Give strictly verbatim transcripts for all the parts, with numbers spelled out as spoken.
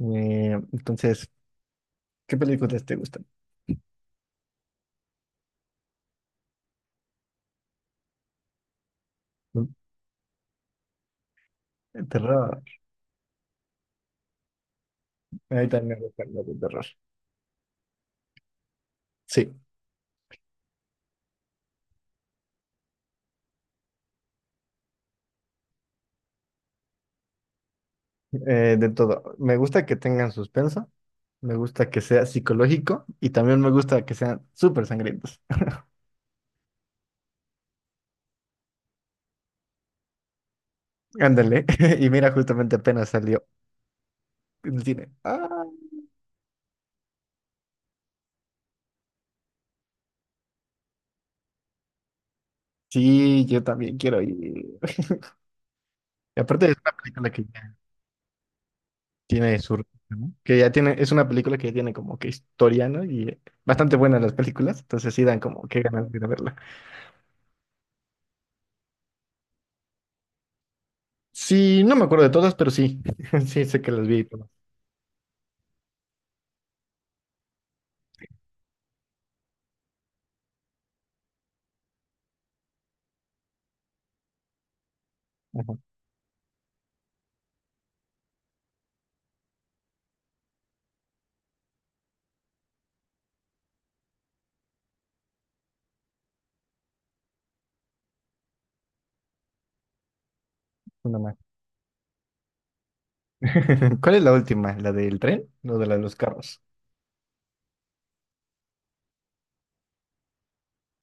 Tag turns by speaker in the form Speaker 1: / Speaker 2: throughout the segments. Speaker 1: Eh, entonces, ¿qué películas te gustan? ¿No? El terror. A mí también me gustan las de terror. Sí, eh, de todo. Me gusta que tengan suspenso, me gusta que sea psicológico y también me gusta que sean súper sangrientos. Ándale. Y mira, justamente apenas salió en el cine. Ah, sí, yo también quiero ir. Y aparte es una película que ya tiene su ritmo, ¿no? Que ya tiene, es una película que ya tiene como que historia, ¿no? Y eh, bastante buenas las películas, entonces sí dan como que ganas de ir a verla. Sí, no me acuerdo de todas, pero sí. Sí, sé que las vi todas. Ajá, una más. ¿Cuál es la última? ¿La del tren? ¿O de la de los carros?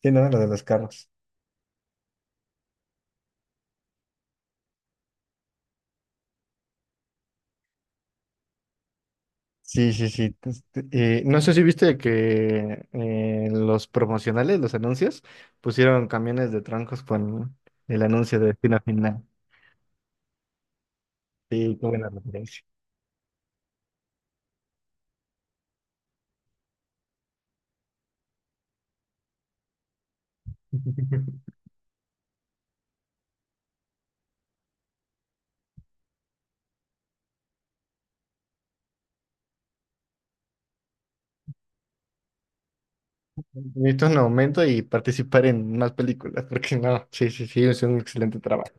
Speaker 1: Sí, ¿no? Lo de los carros. Sí, sí, sí. Tes- eh, no sé si viste que eh, los promocionales, los anuncios, pusieron camiones de troncos con el anuncio de Destino Final. Sí, qué buena referencia. Necesito un aumento y participar en más películas, porque no, sí, sí, sí, es un excelente trabajo.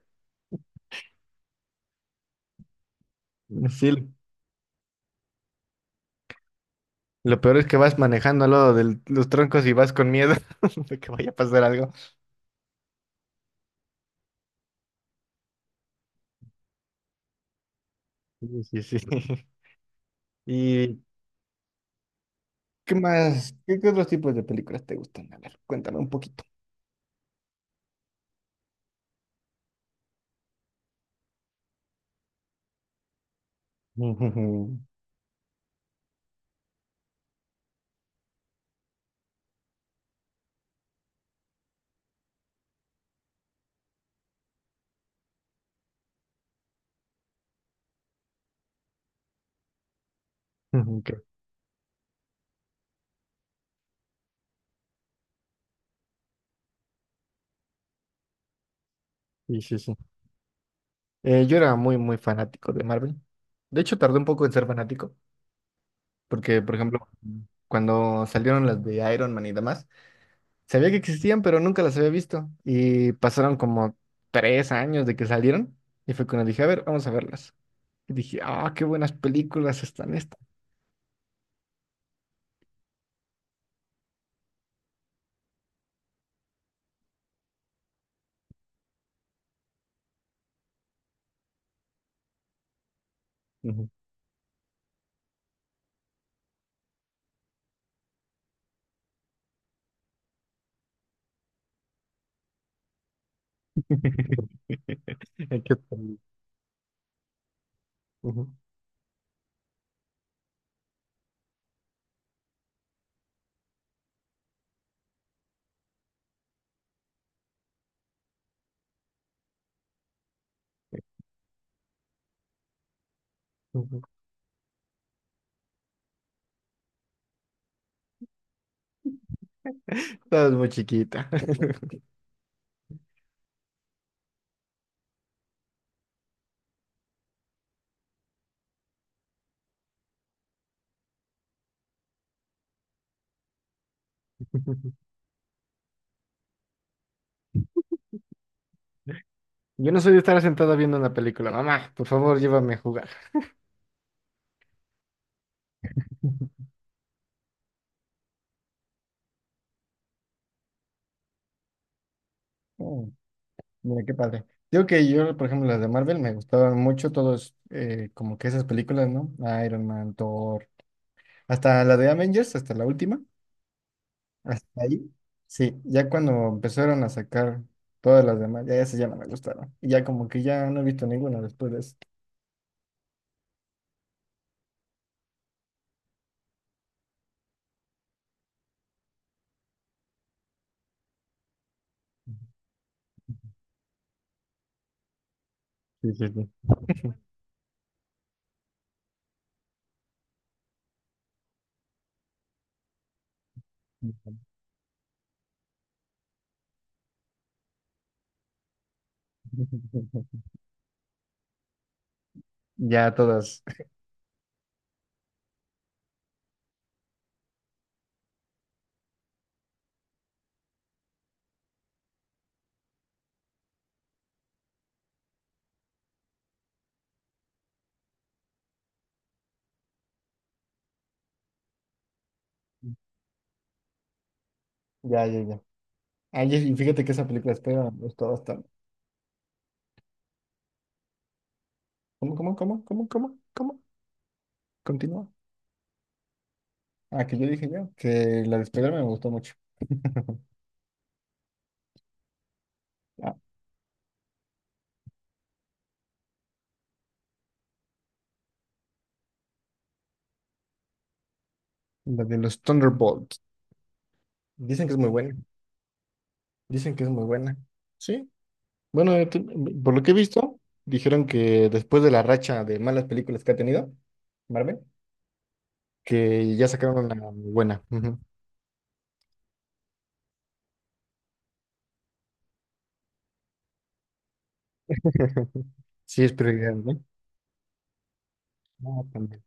Speaker 1: Sí, lo peor es que vas manejando al lado de los troncos y vas con miedo de que vaya a pasar algo. Sí, sí, sí. ¿Y qué más? ¿Qué, qué otros tipos de películas te gustan? A ver, cuéntame un poquito. Ujú, ujú, ok. Sí, sí, sí. Eh, yo era muy, muy fanático de Marvel. De hecho, tardé un poco en ser fanático, porque, por ejemplo, cuando salieron las de Iron Man y demás, sabía que existían, pero nunca las había visto. Y pasaron como tres años de que salieron, y fue cuando dije, a ver, vamos a verlas. Y dije, ah, qué buenas películas están estas. Ujú. Hay que poner, ujú, ujú. Estabas muy chiquita. Yo no soy de estar sentada viendo una película. Mamá, por favor, llévame a jugar. Oh, mira, qué padre. Digo que yo, por ejemplo, las de Marvel me gustaban mucho todos, eh, como que esas películas, ¿no? Iron Man, Thor, hasta la de Avengers, hasta la última. Hasta ahí. Sí, ya cuando empezaron a sacar todas las demás, ya esas ya no me gustaron. Y ya como que ya no he visto ninguna después de eso. Sí, sí, sí. Ya todas. Ya, ya, ya. Ay, y fíjate que esa película espera me gustó bastante. ¿Cómo, cómo, cómo, cómo, cómo, cómo? Continúa. Ah, que yo dije ya que la de spider me gustó mucho. Ah, la de los Thunderbolts. Dicen que es muy buena. Dicen que es muy buena. Sí, bueno, eh, te- por lo que he visto, dijeron que después de la racha de malas películas que ha tenido Marvel, que ya sacaron una buena. Ujú. Sí, es prioridad, ¿no? Ah, también.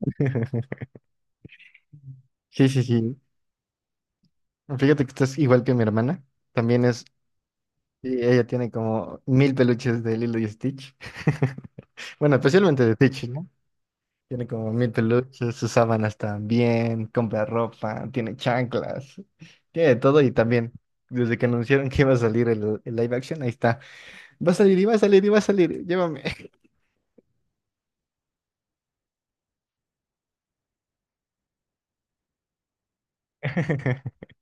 Speaker 1: Sí, sí, sí. Fíjate que estás igual que mi hermana. También es, y ella tiene como mil peluches de Lilo y Stitch. Bueno, especialmente de Stitch, ¿no? Tiene como mil peluches, sus sábanas también, compra ropa, tiene chanclas, tiene de todo y también, desde que anunciaron que iba a salir el, el live action, ahí está. Va a salir y va a salir y va a salir, llévame.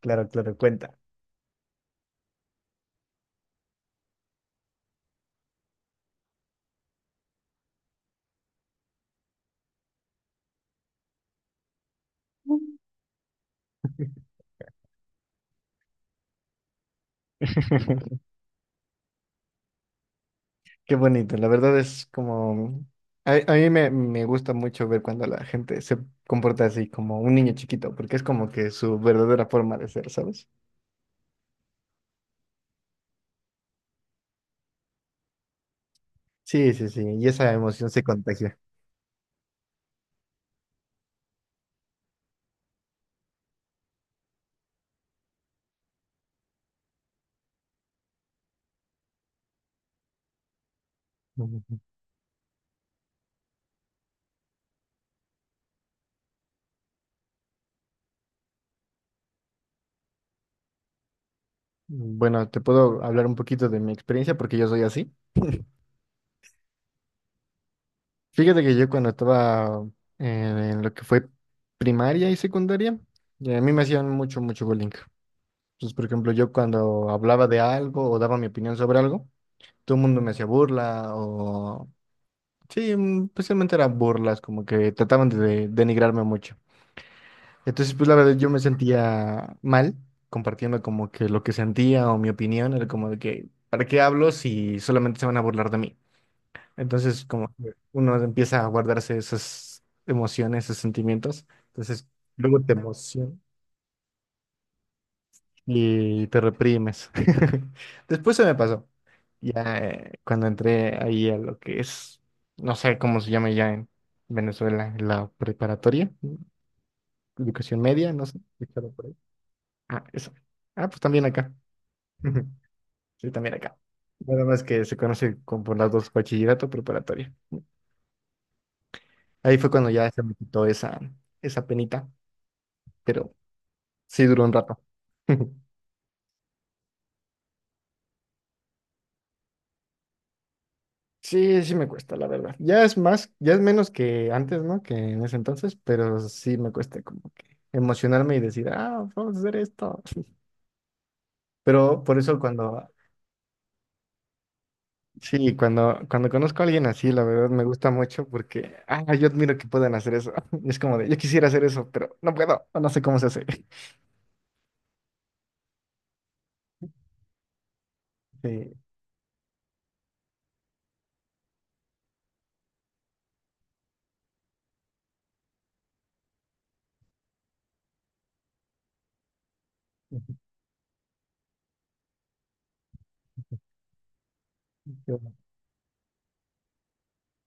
Speaker 1: Claro, claro, cuenta. Qué bonito, la verdad es como... A, a mí me, me gusta mucho ver cuando la gente se comporta así como un niño chiquito, porque es como que su verdadera forma de ser, ¿sabes? Sí, sí, sí, y esa emoción se contagia. Bueno, te puedo hablar un poquito de mi experiencia porque yo soy así. Fíjate que yo cuando estaba en lo que fue primaria y secundaria, ya a mí me hacían mucho, mucho bullying. Entonces, por ejemplo, yo cuando hablaba de algo o daba mi opinión sobre algo, todo el mundo me hacía burla o... Sí, mm, especialmente eran burlas, como que trataban de denigrarme mucho. Entonces, pues la verdad yo me sentía mal compartiendo como que lo que sentía o mi opinión, era como de que, ¿para qué hablo si solamente se van a burlar de mí? Entonces, como que uno empieza a guardarse esas emociones, esos sentimientos. Entonces, luego te emociona y te reprimes. Después se me pasó. Ya eh, Cuando entré ahí a lo que es, no sé cómo se llama ya en Venezuela, la preparatoria, mm, educación media, no sé, escuchado por ahí. Ah, eso. Ah, pues también acá. Ujú. Sí, también acá. Nada más que se conoce como por las dos, bachillerato preparatoria. Ahí fue cuando ya se me quitó esa, esa penita. Pero sí duró un rato. Sí, sí me cuesta, la verdad. Ya es más, ya es menos que antes, ¿no? Que en ese entonces, pero sí me cuesta como que emocionarme y decir, ah, vamos a hacer esto. Pero por eso cuando, sí, cuando, cuando conozco a alguien así, la verdad me gusta mucho porque, ah, yo admiro que puedan hacer eso. Es como de, yo quisiera hacer eso, pero no puedo, o no sé cómo se hace. Sí.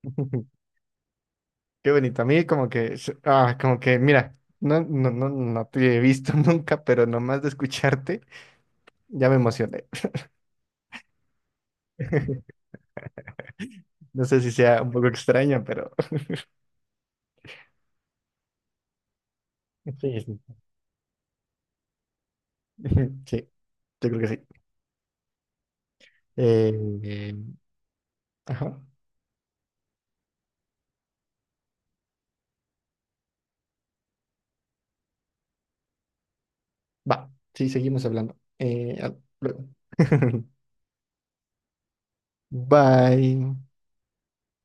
Speaker 1: Qué bonito. A mí como que, se- ah, como que, mira, no, no, no, no te he visto nunca, pero nomás de escucharte ya me emocioné. No sé si sea un poco extraño, pero sí, sí, sí, yo creo que sí. Eh, eh, ajá, Va, sí, seguimos hablando. Eh, al- luego. Bye.